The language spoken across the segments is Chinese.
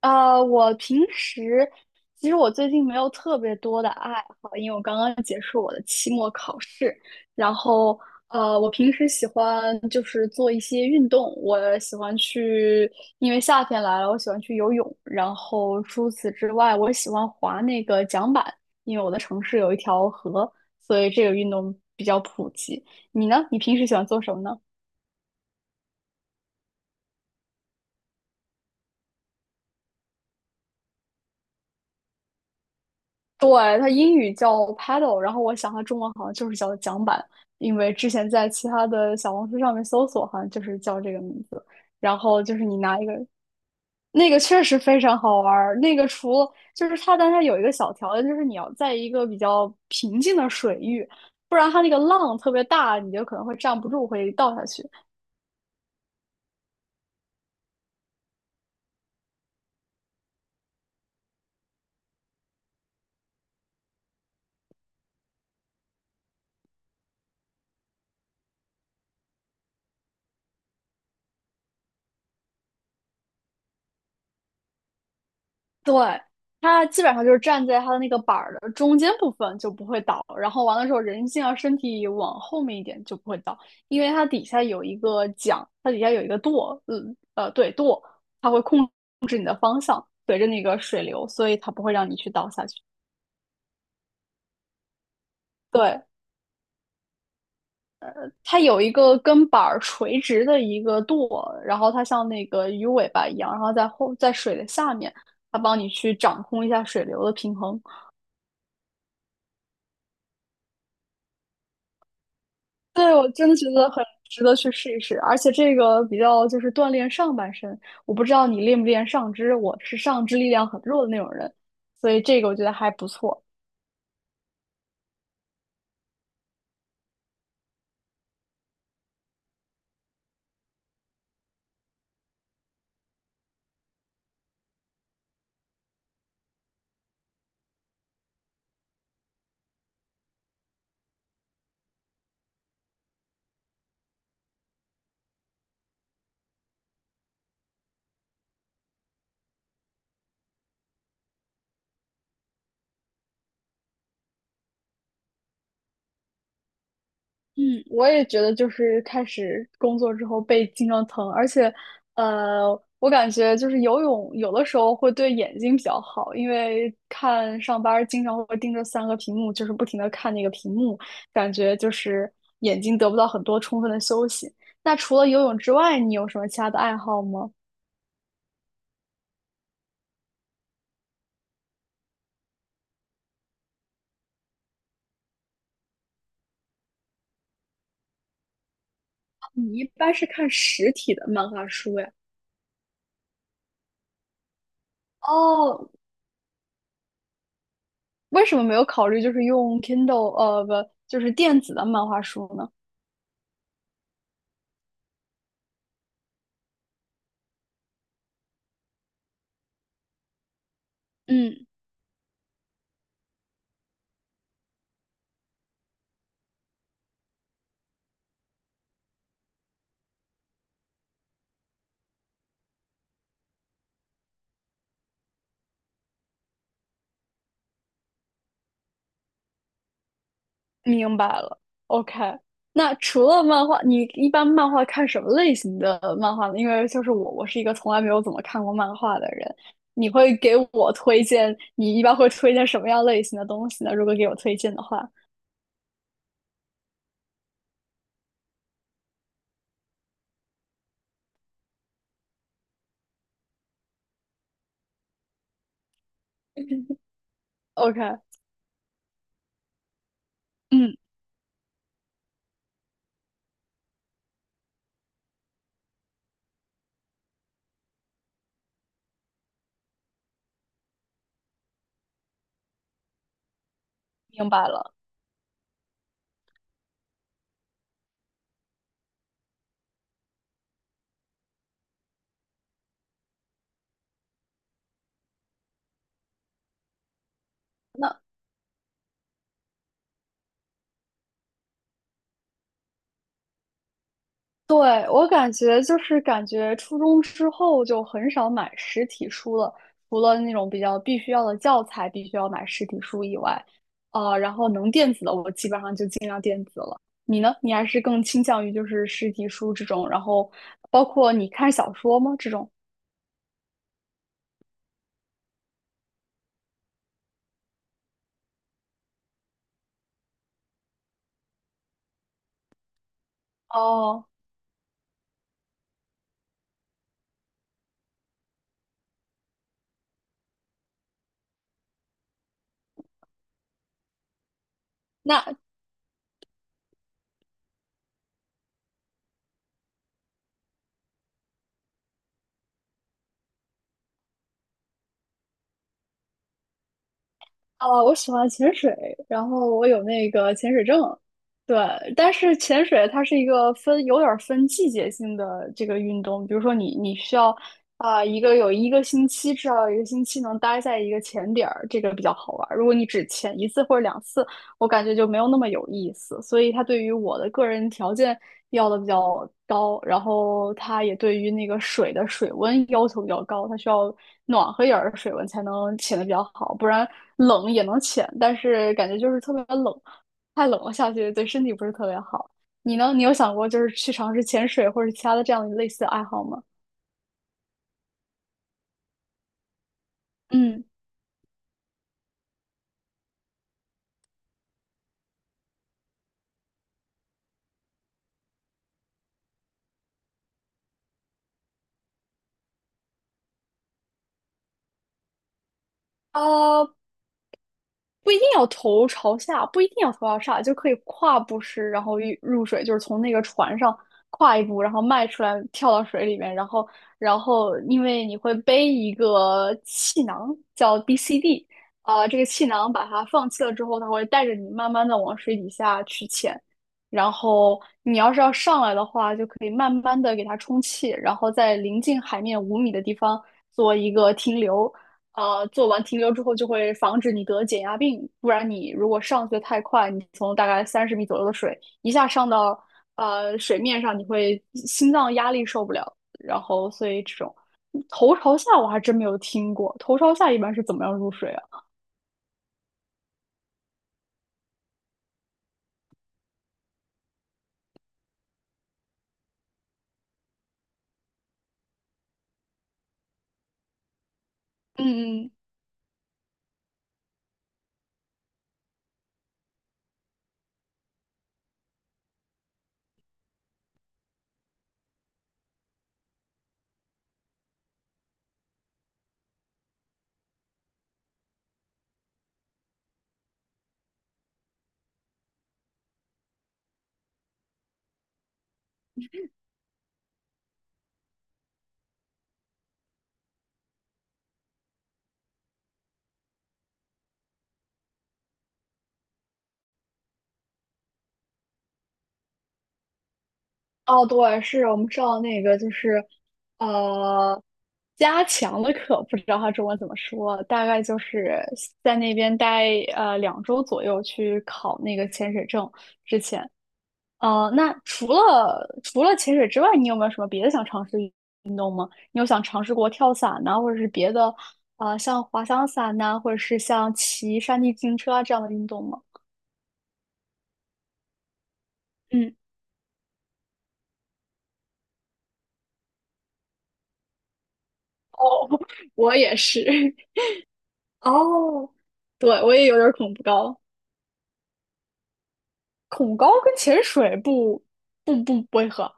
我平时其实我最近没有特别多的爱好，因为我刚刚结束我的期末考试。然后，我平时喜欢就是做一些运动，我喜欢去，因为夏天来了，我喜欢去游泳。然后除此之外，我喜欢滑那个桨板，因为我的城市有一条河，所以这个运动比较普及。你呢？你平时喜欢做什么呢？对，它英语叫 Paddle，然后我想它中文好像就是叫桨板，因为之前在其他的小红书上面搜索，好像就是叫这个名字。然后就是你拿一个，那个确实非常好玩儿。那个除了就是它，但它有一个小条件，就是你要在一个比较平静的水域，不然它那个浪特别大，你就可能会站不住，会倒下去。对，它基本上就是站在它的那个板儿的中间部分就不会倒，然后完了之后人尽量身体往后面一点就不会倒，因为它底下有一个桨，它底下有一个舵，对舵，它会控随着那个水流，所以它不会让你去倒下去。对，它有一个跟板儿垂直的一个舵，然后它像那个鱼尾巴一样，然后在后在水的下面，它帮你去掌控一下水流的平衡。对，我真的觉得很值得去试一试，而且这个比较就是锻炼上半身。我不知道你练不练上肢，我是上肢力量很弱的那种人，所以这个我觉得还不错。嗯，我也觉得就是开始工作之后背经常疼，而且，呃，我感觉就是游泳有的时候会对眼睛比较好，因为看上班儿经常会盯着3个屏幕，就是不停的看那个屏幕，感觉就是眼睛得不到很多充分的休息。那除了游泳之外，你有什么其他的爱好吗？你一般是看实体的漫画书呀？哦，为什么没有考虑就是用 Kindle，不，就是电子的漫画书呢？嗯。明白了，OK。那除了漫画，你一般漫画看什么类型的漫画呢？因为就是我，我是一个从来没有怎么看过漫画的人。你会给我推荐，你一般会推荐什么样类型的东西呢？如果给我推荐的话，OK，嗯，明白了。那对，我感觉就是感觉初中之后就很少买实体书了，除了那种比较必须要的教材必须要买实体书以外，然后能电子的我基本上就尽量电子了。你呢？你还是更倾向于就是实体书这种，然后包括你看小说吗？这种？哦，那哦，我喜欢潜水，然后我有那个潜水证，对。但是潜水它是一个分有点儿分季节性的这个运动，比如说你需要有一个星期，至少有一个星期能待在一个潜点儿，这个比较好玩儿。如果你只潜一次或者两次，我感觉就没有那么有意思，所以他对于我的个人条件要的比较高，然后他也对于那个水的水温要求比较高，它需要暖和一点儿的水温才能潜的比较好，不然冷也能潜，但是感觉就是特别冷，太冷了下去对身体不是特别好。你呢？你有想过就是去尝试潜水或者其他的这样类似的爱好吗？嗯，啊。不一定要头朝下，不一定要头朝上，就可以跨步式，然后一入水，就是从那个船上跨一步，然后迈出来，跳到水里面，然后，然后因为你会背一个气囊，叫 BCD 这个气囊把它放气了之后，它会带着你慢慢的往水底下去潜，然后你要是要上来的话，就可以慢慢的给它充气，然后在临近海面5米的地方做一个停留。做完停留之后就会防止你得减压病，不然你如果上去的太快，你从大概30米左右的水一下上到水面上，你会心脏压力受不了。然后，所以这种头朝下我还真没有听过，头朝下一般是怎么样入水啊？嗯嗯，哦，对，是我们上那个就是呃加强的课，不知道它中文怎么说，大概就是在那边待2周左右去考那个潜水证之前。那除了潜水之外，你有没有什么别的想尝试？你有想尝试过跳伞呐、或者是别的，像滑翔伞呐、或者是像骑山地自行车啊这样的运动吗？嗯，哦，我也是。哦，对，我也有点儿恐高，恐高跟潜水不会合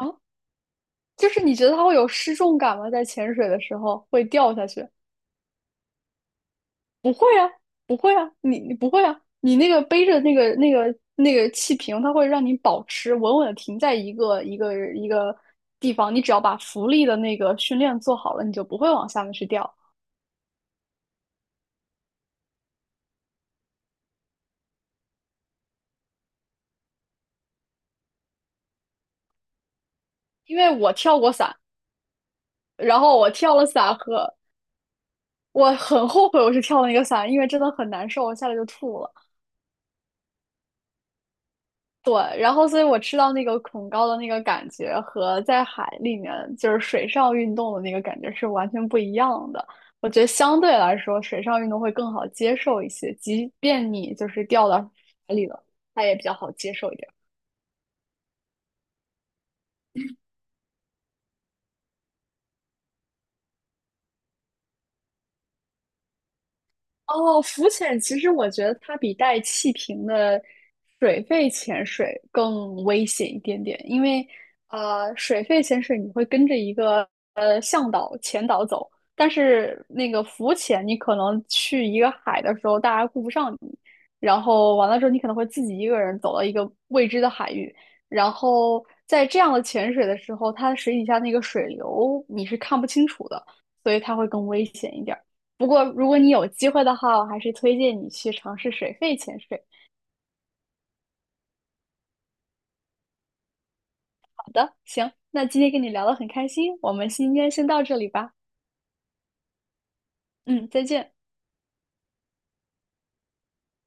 啊。就是你觉得它会有失重感吗？在潜水的时候会掉下去？不会啊，不会啊，你不会啊，你那个背着那个气瓶，它会让你保持稳稳的停在一个一个一个地方。你只要把浮力的那个训练做好了，你就不会往下面去掉。因为我跳过伞，然后我跳了伞和我很后悔我是跳了那个伞，因为真的很难受，我下来就吐了。对，然后所以我吃到那个恐高的那个感觉和在海里面就是水上运动的那个感觉是完全不一样的。我觉得相对来说，水上运动会更好接受一些，即便你就是掉到海里了，它也比较好接受一点。哦，浮潜其实我觉得它比带气瓶的水肺潜水更危险一点点，因为水肺潜水你会跟着一个向导、前导走，但是那个浮潜你可能去一个海的时候，大家顾不上你，然后完了之后你可能会自己一个人走到一个未知的海域，然后在这样的潜水的时候，它水底下那个水流你是看不清楚的，所以它会更危险一点儿。不过如果你有机会的话，我还是推荐你去尝试水肺潜水。好的，行，那今天跟你聊得很开心，我们今天先到这里吧。嗯，再见。